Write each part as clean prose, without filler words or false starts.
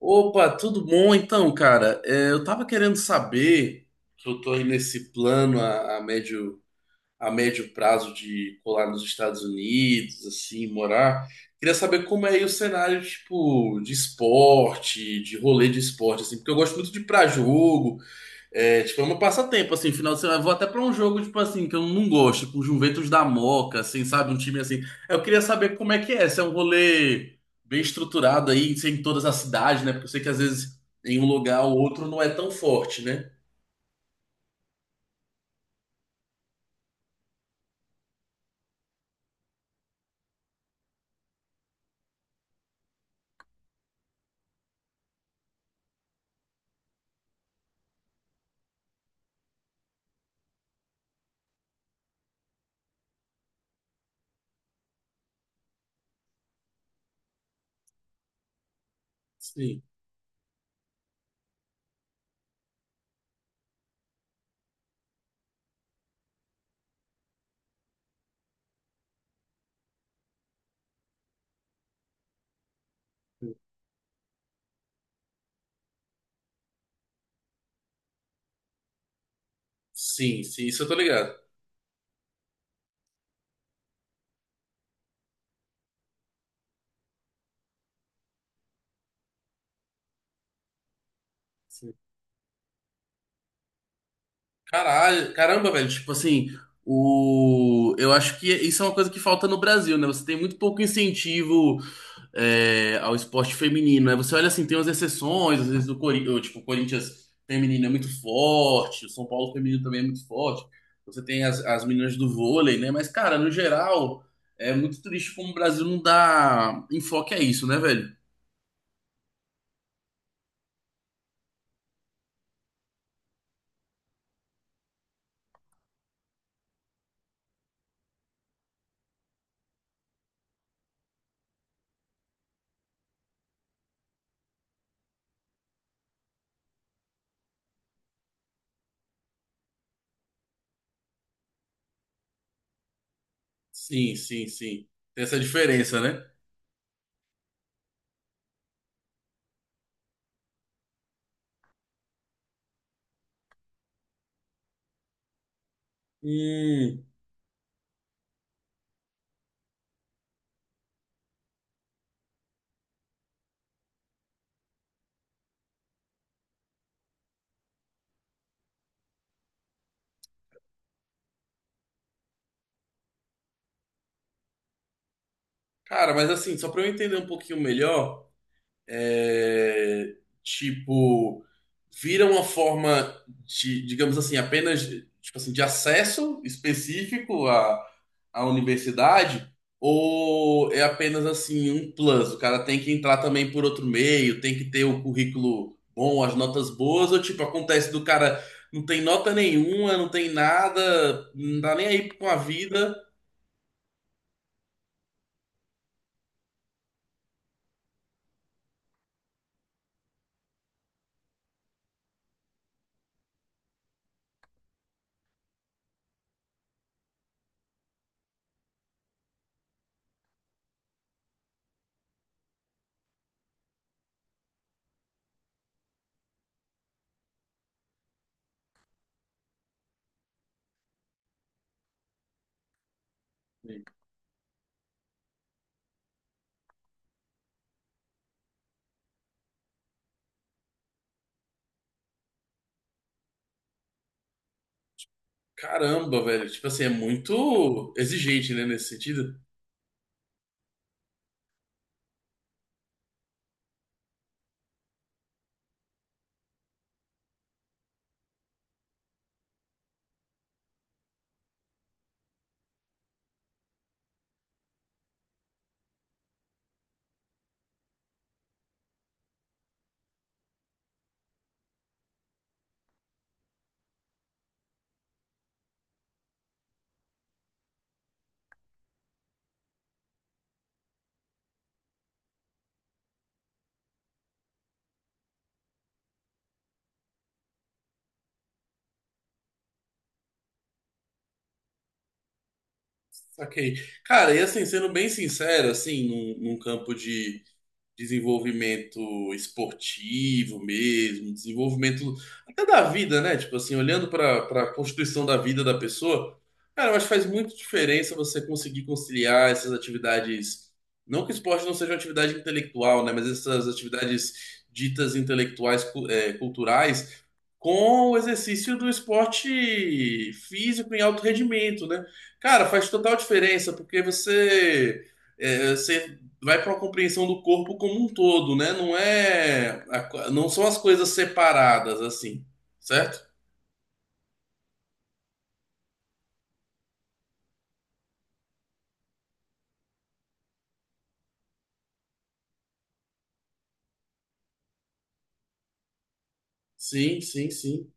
Opa, tudo bom? Então, cara, eu tava querendo saber que eu tô aí nesse plano a médio prazo de colar nos Estados Unidos, assim, morar. Queria saber como é aí o cenário, tipo, de esporte, de rolê de esporte, assim, porque eu gosto muito de ir pra jogo, tipo, é um passatempo, assim, final de semana. Eu vou até pra um jogo, tipo assim, que eu não gosto, tipo, Juventus da Moca, assim, sabe? Um time assim. Eu queria saber como é que é, se é um rolê bem estruturado aí, se é em todas as cidades, né? Porque eu sei que às vezes em um lugar ou outro não é tão forte, né? Sim. Sim, sim, isso eu tô ligado. Sim. Caralho, caramba, velho, tipo assim, eu acho que isso é uma coisa que falta no Brasil, né? Você tem muito pouco incentivo ao esporte feminino, né? Você olha assim, tem umas exceções, às vezes o Corinthians, tipo, o Corinthians feminino é muito forte, o São Paulo feminino também é muito forte. Você tem as meninas do vôlei, né? Mas, cara, no geral, é muito triste como o Brasil não dá enfoque a isso, né, velho? Sim, sim, sim. Tem essa diferença, né? Hum. Cara, mas assim, só pra eu entender um pouquinho melhor. é, tipo, Vira uma forma de, digamos assim, apenas tipo assim, de acesso específico à, à universidade, ou é apenas assim um plus? O cara tem que entrar também por outro meio, tem que ter o currículo bom, as notas boas, ou tipo, acontece do cara não tem nota nenhuma, não tem nada, não tá nem aí com a vida. Caramba, velho, tipo assim, é muito exigente, né, nesse sentido. Saquei. Cara, e assim, sendo bem sincero, assim, num campo de desenvolvimento esportivo mesmo, desenvolvimento até da vida, né? Tipo assim, olhando para constituição da vida da pessoa, cara, eu acho que faz muito diferença você conseguir conciliar essas atividades. Não que o esporte não seja uma atividade intelectual, né? Mas essas atividades ditas intelectuais, culturais com o exercício do esporte físico em alto rendimento, né? Cara, faz total diferença, porque você vai para uma compreensão do corpo como um todo, né? Não é, não são as coisas separadas assim, certo? Sim, sim, sim.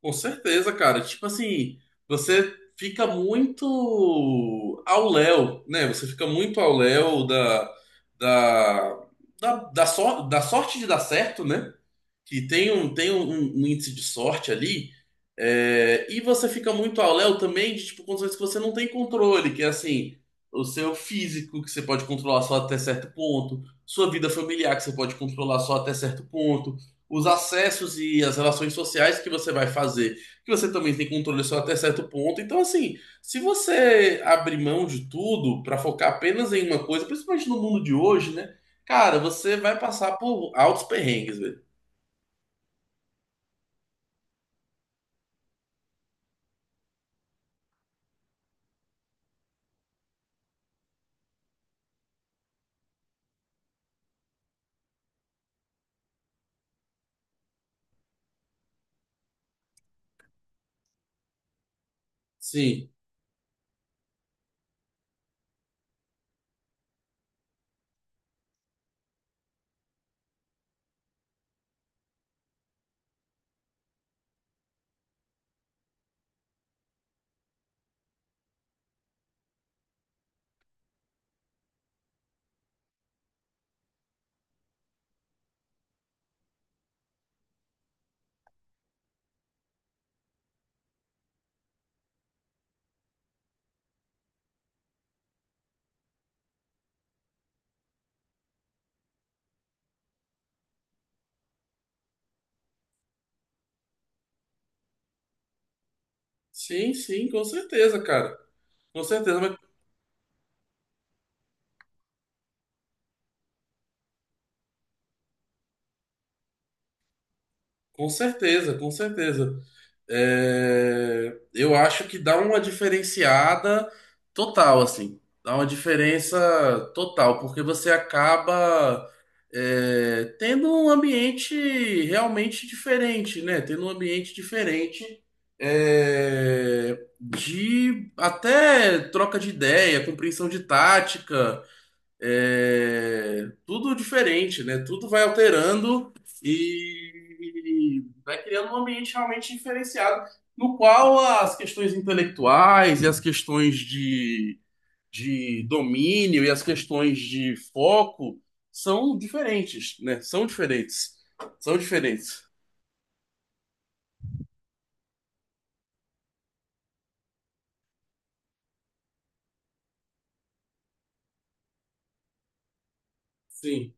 Com certeza, cara. Tipo assim, você fica muito ao léu, né? Você fica muito ao léu da, da sorte de dar certo, né? Que tem um índice de sorte ali. É, e você fica muito ao léu também de tipo, condições que você não tem controle, que é assim, o seu físico, que você pode controlar só até certo ponto, sua vida familiar, que você pode controlar só até certo ponto, os acessos e as relações sociais que você vai fazer, que você também tem controle só até certo ponto. Então, assim, se você abrir mão de tudo para focar apenas em uma coisa, principalmente no mundo de hoje, né? Cara, você vai passar por altos perrengues, velho. Sim, sim, sim, com certeza, cara. Com certeza, mas com certeza, com certeza. É, eu acho que dá uma diferenciada total, assim. Dá uma diferença total, porque você acaba tendo um ambiente realmente diferente, né? Tendo um ambiente diferente, de até troca de ideia, compreensão de tática. É, tudo diferente, né? Tudo vai alterando e vai criando um ambiente realmente diferenciado, no qual as questões intelectuais e as questões de domínio e as questões de foco são diferentes, né? São diferentes. São diferentes. Sim,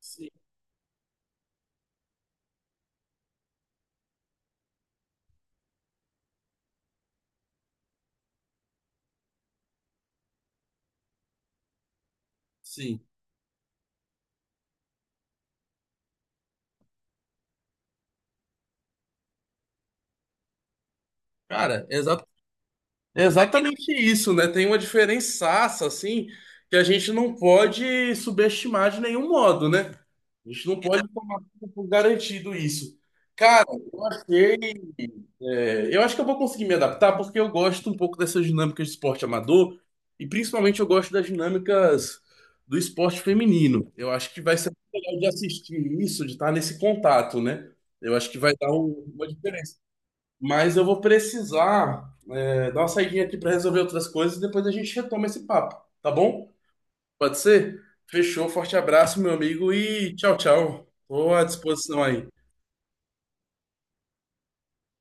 sim, sim. Cara, é exatamente isso, né? Tem uma diferençaça, assim, que a gente não pode subestimar de nenhum modo, né? A gente não pode tomar tudo por garantido isso. Cara, eu achei. Eu acho que eu vou conseguir me adaptar, porque eu gosto um pouco dessas dinâmicas de esporte amador, e principalmente eu gosto das dinâmicas do esporte feminino. Eu acho que vai ser muito legal de assistir isso, de estar nesse contato, né? Eu acho que vai dar uma diferença. Mas eu vou precisar. É, dá uma saidinha aqui para resolver outras coisas e depois a gente retoma esse papo, tá bom? Pode ser? Fechou, forte abraço, meu amigo, e tchau, tchau. Estou à disposição aí.